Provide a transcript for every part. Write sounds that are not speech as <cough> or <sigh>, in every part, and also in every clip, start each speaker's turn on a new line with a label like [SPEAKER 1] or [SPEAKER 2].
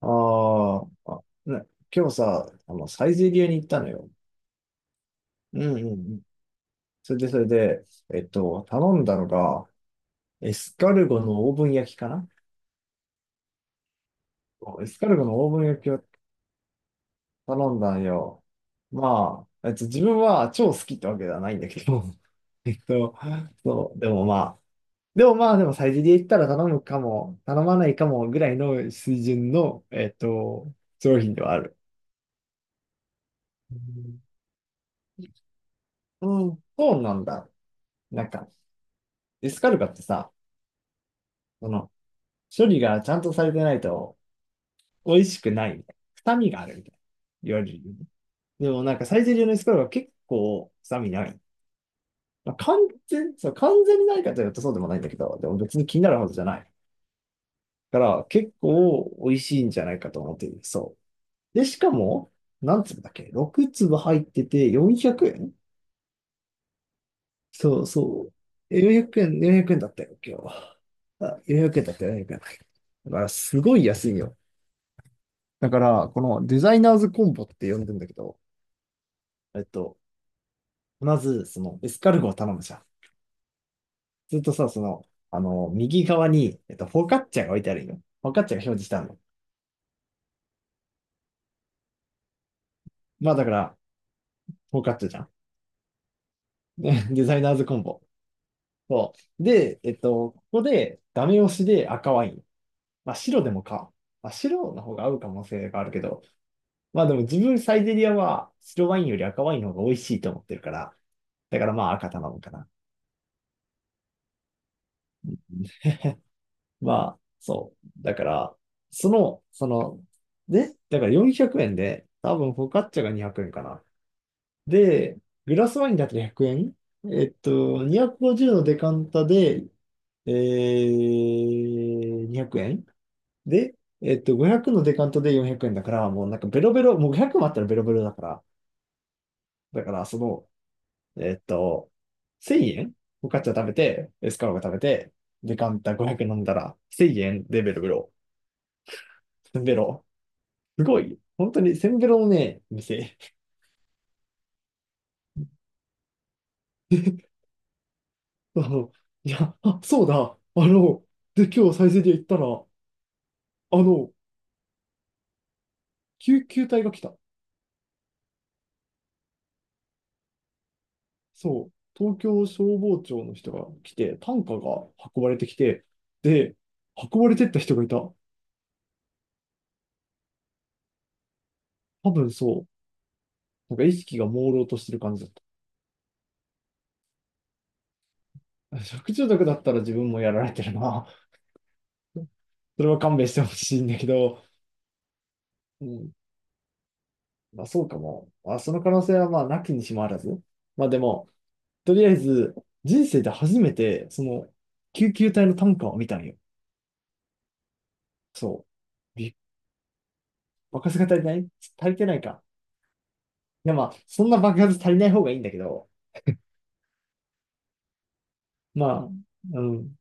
[SPEAKER 1] ああ、あ、ね、今日さ、サイゼリヤに行ったのよ。うんうんうん。それで、頼んだのが、エスカルゴのオーブン焼きかな。そうエスカルゴのオーブン焼きを頼んだんよ。まあ、自分は超好きってわけではないんだけど、<laughs> えっと、そう、でもまあ、でもサイゼリヤ行ったら頼むかも、頼まないかもぐらいの水準の、商品ではある。うん、うんそうなんだ。なんか、エスカルパってさ、その、処理がちゃんとされてないと美味しくないみたいな。臭みがあるみたいな。言われるよね。でもなんかサイゼリヤのエスカルパは結構臭みない。まあ、そう、完全にないかというとそうでもないんだけど、でも別に気になるほどじゃない。だから結構美味しいんじゃないかと思っている。そう。で、しかも、何粒だっけ？ 6 粒入ってて400円。そうそう。400円、4 0円だったよ、今日は。あ、400円だったよ、4 0円。だからすごい安いよ。だから、このデザイナーズコンボって呼んでんだけど、えっと、まず、エスカルゴを頼むじゃん。するとさ、右側に、フォカッチャが置いてあるんよ。フォカッチャが表示したの。まあ、だから、フォカッチャじゃん。<laughs> ね、デザイナーズコンボ。そう。で、ここで、ダメ押しで赤ワイン。まあ、白でもか。まあ、白の方が合う可能性があるけど、まあでも自分サイゼリアは白ワインより赤ワインの方が美味しいと思ってるから、だからまあ赤頼むかな。まあ、そう。だから、その、その、で、だから400円で、多分フォカッチャが200円かな。で、グラスワインだけ100円えんえっと、250のデカンタで、200円で、500のデカンタで400円だから、もうなんかベロベロ、もう500もあったらベロベロだから。だから、えっと、1000円、フォカッチャ食べて、エスカローが食べて、デカンタ500飲んだら、1000円でベロベロ。ベロ。すごい。本当に、せんべろのね、店。そういや、あ、そうだ。で、今日サイゼリヤ行ったら、の、救急隊が来た。そう。東京消防庁の人が来て、担架が運ばれてきて、で、運ばれてった人がいた。多分そう。なんか意識が朦朧としてる感じだった。食中毒だったら自分もやられてるな。それは勘弁してほしいんだけど、うん。まあそうかも。まあその可能性はまあなきにしもあらず。まあでも、とりあえず、人生で初めて、救急隊の担架を見たんよ。そう。び爆発が足りない。足りてないか。いや、まあ、そんな爆発足りない方がいいんだけど、まあ、うん。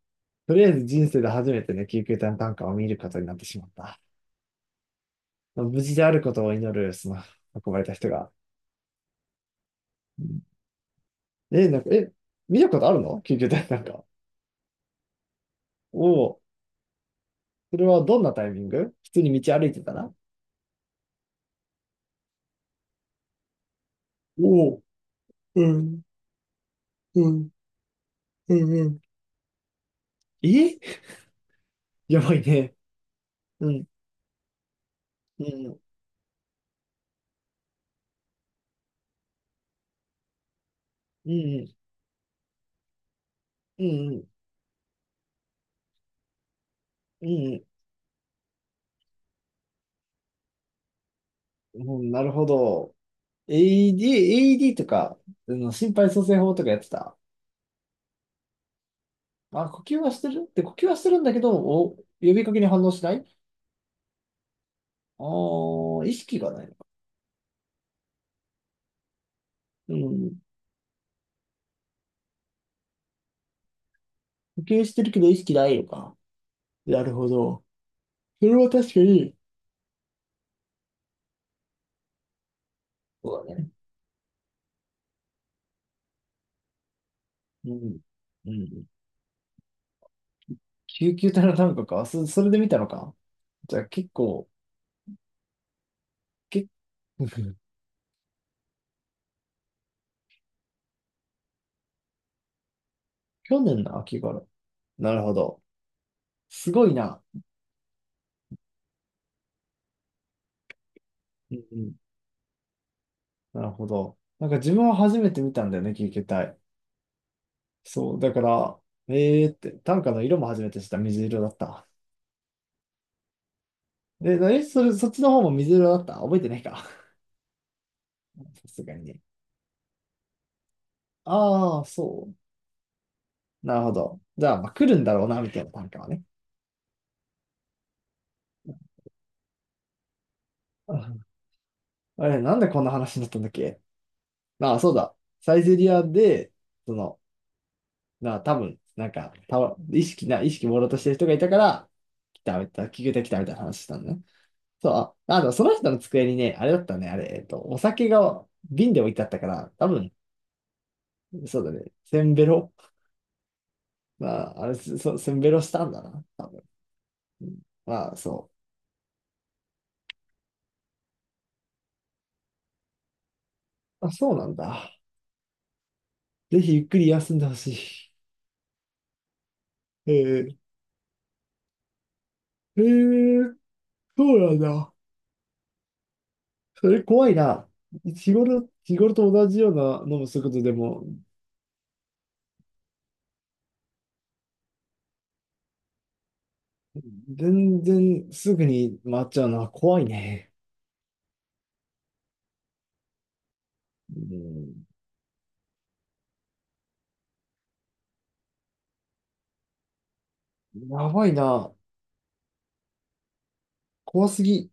[SPEAKER 1] とりあえず人生で初めてね、救急隊の担架を見ることになってしまった。まあ無事であることを祈る、運ばれた人が。うん。え、なんか、見たことあるの救急隊の担架。おお、それはどんなタイミング？普通に道歩いてたら？おお、うん、うん、うん、うん。え、やばいね。うん。うん、うん、うん、うん、うん、なるほど。AED、a d とか、心肺蘇生法とかやってた。あ、呼吸はしてるって、呼吸はしてるんだけど、お、呼びかけに反応しない。ああー、意識がないのか。うん。呼吸してるけど意識ないのか。なるほど。それは確かに。そうだね。うん。うん。救急隊の単価か。それで見たのか。じゃあ結構、<laughs> 去年の秋頃。なるほど。すごいな。うんうんなるほど。なんか自分は初めて見たんだよね、聞けたい。そう、だから、えーって、短歌の色も初めて知った、水色だった。で、え、それ、そっちの方も水色だった覚えてないか？ <laughs> さすがにね。ああ、そう。なるほど。じゃあ、まあ、来るんだろうな、みたいな短歌はね。<laughs> うん。あれ、なんでこんな話になったんだっけ？ああ、そうだ。サイゼリアで、その、なあ、多分、なんか、た意識な、意識朦朧としてる人がいたから、来た、聞けてきたみたいな話したんだね。そう、その人の机にね、あれだったね、あれ、えっと、お酒が瓶で置いてあったから、多分、そうだね、せんべろ。まあ、あれ、せんべろしたんだな。うん。まあ、そう。あ、そうなんだ。ぜひゆっくり休んでほしい。ー、えー、そうなんだ。それ怖いな。日頃と同じような飲む速度でも、全然すぐに回っちゃうのは怖いね。うん、やばいな。怖すぎ。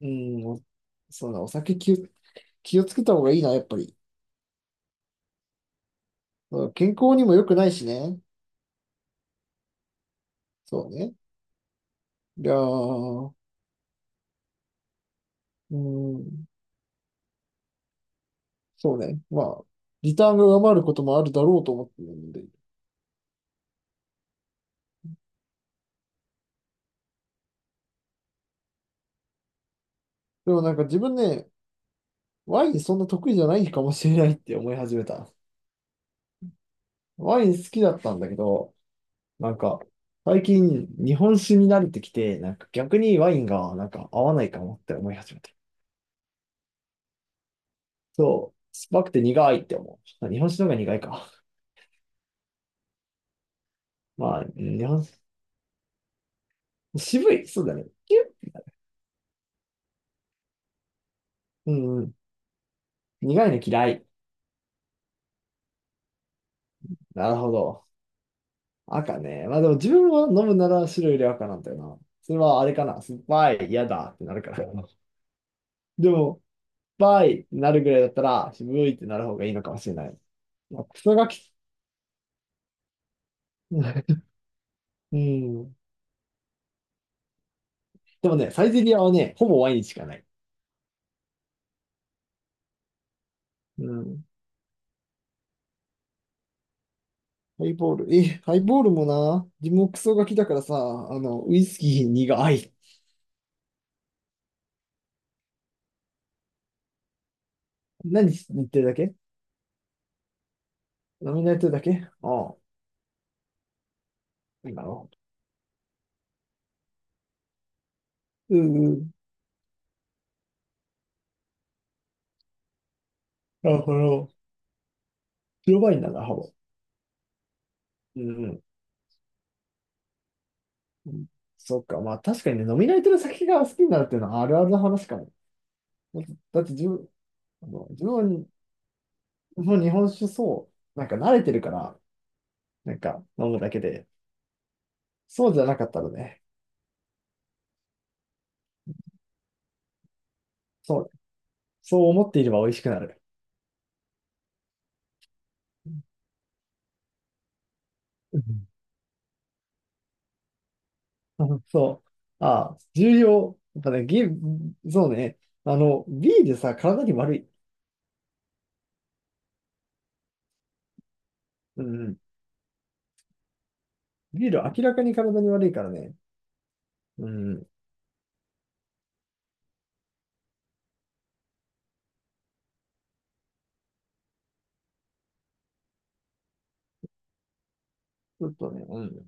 [SPEAKER 1] うん、お、そうだ、お酒気をつけた方がいいな、やっぱり。そう健康にも良くないしね。そうね。いやー、うん、そうね。まあ、リターンが上回ることもあるだろうと思ってるんで。でもなんか自分ね、ワインそんな得意じゃないかもしれないって思い始めた。ワイン好きだったんだけど、なんか、最近日本酒に慣れてきて、なんか逆にワインがなんか合わないかもって思い始めた。そう、酸っぱくて苦いって思う。あ、日本酒の方が苦いか。まあ、日本渋い。そうだね。キュッ。うんうん。苦いの嫌い。なるほど。赤ね。まあでも自分は飲むなら白より赤なんだよな。それはあれかな。酸っぱい、嫌だってなるから。でも、酸っぱいってなるぐらいだったら、渋いってなる方がいいのかもしれない。まあ、クソガキ。<laughs> うん。でもね、サイゼリアはね、ほぼワインしかない。うん。ハイボール。え、ハイボールもな、自分もクソガキだからさ、ウイスキー苦い。何言ってるだけ？飲み慣れてるだけ。ああ、なるほど。うんうん。なるほど。白ワインなんだ、ハボ。うんうん。うん。そっか。まあ確かにね、飲み慣れてる酒が好きになるっていうのはあるあるな話かも。だって自分、自分も日本酒そう、なんか慣れてるから、なんか飲むだけで、そうじゃなかったらね、そう、そう思っていれば美味しくなる。うん。<laughs> そう。ああ、重要。やっぱね、そうね。ビールさ、体に悪い。うんうん。ビール明らかに体に悪いからね。うんうん。ちょっとね、うん。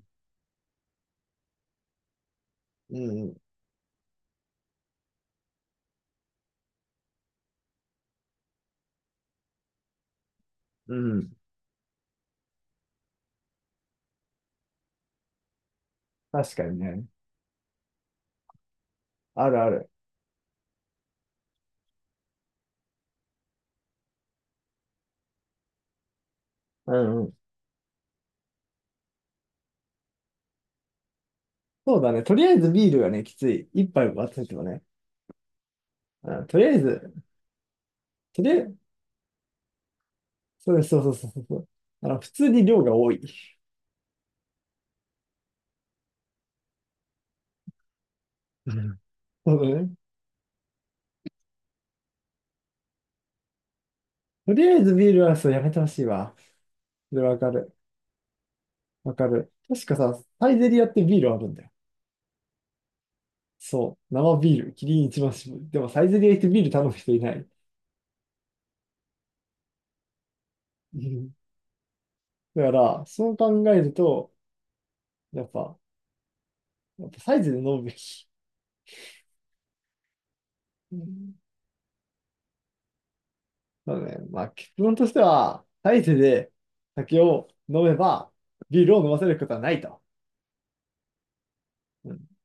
[SPEAKER 1] うんうん。うん。確かにね。あるある。うんうん。そうだね。とりあえずビールがね、きつい。一杯割っててもね。うん、とりあえず、そうそうそうそうそう。普通に量が多い。うん、そうだね。とりあえずビールはそうやめてほしいわ。それわかる。わかる。確かさ、サイゼリアってビールあるんだよ。そう。生ビール。キリン一番搾り。でもサイゼリア行ってビール頼む人いない。うん。だから、そう考えると、やっぱ、サイズで飲むべき。うん。そうね。まあ、結論としては、大勢で酒を飲めば、ビールを飲ませることはないと。うん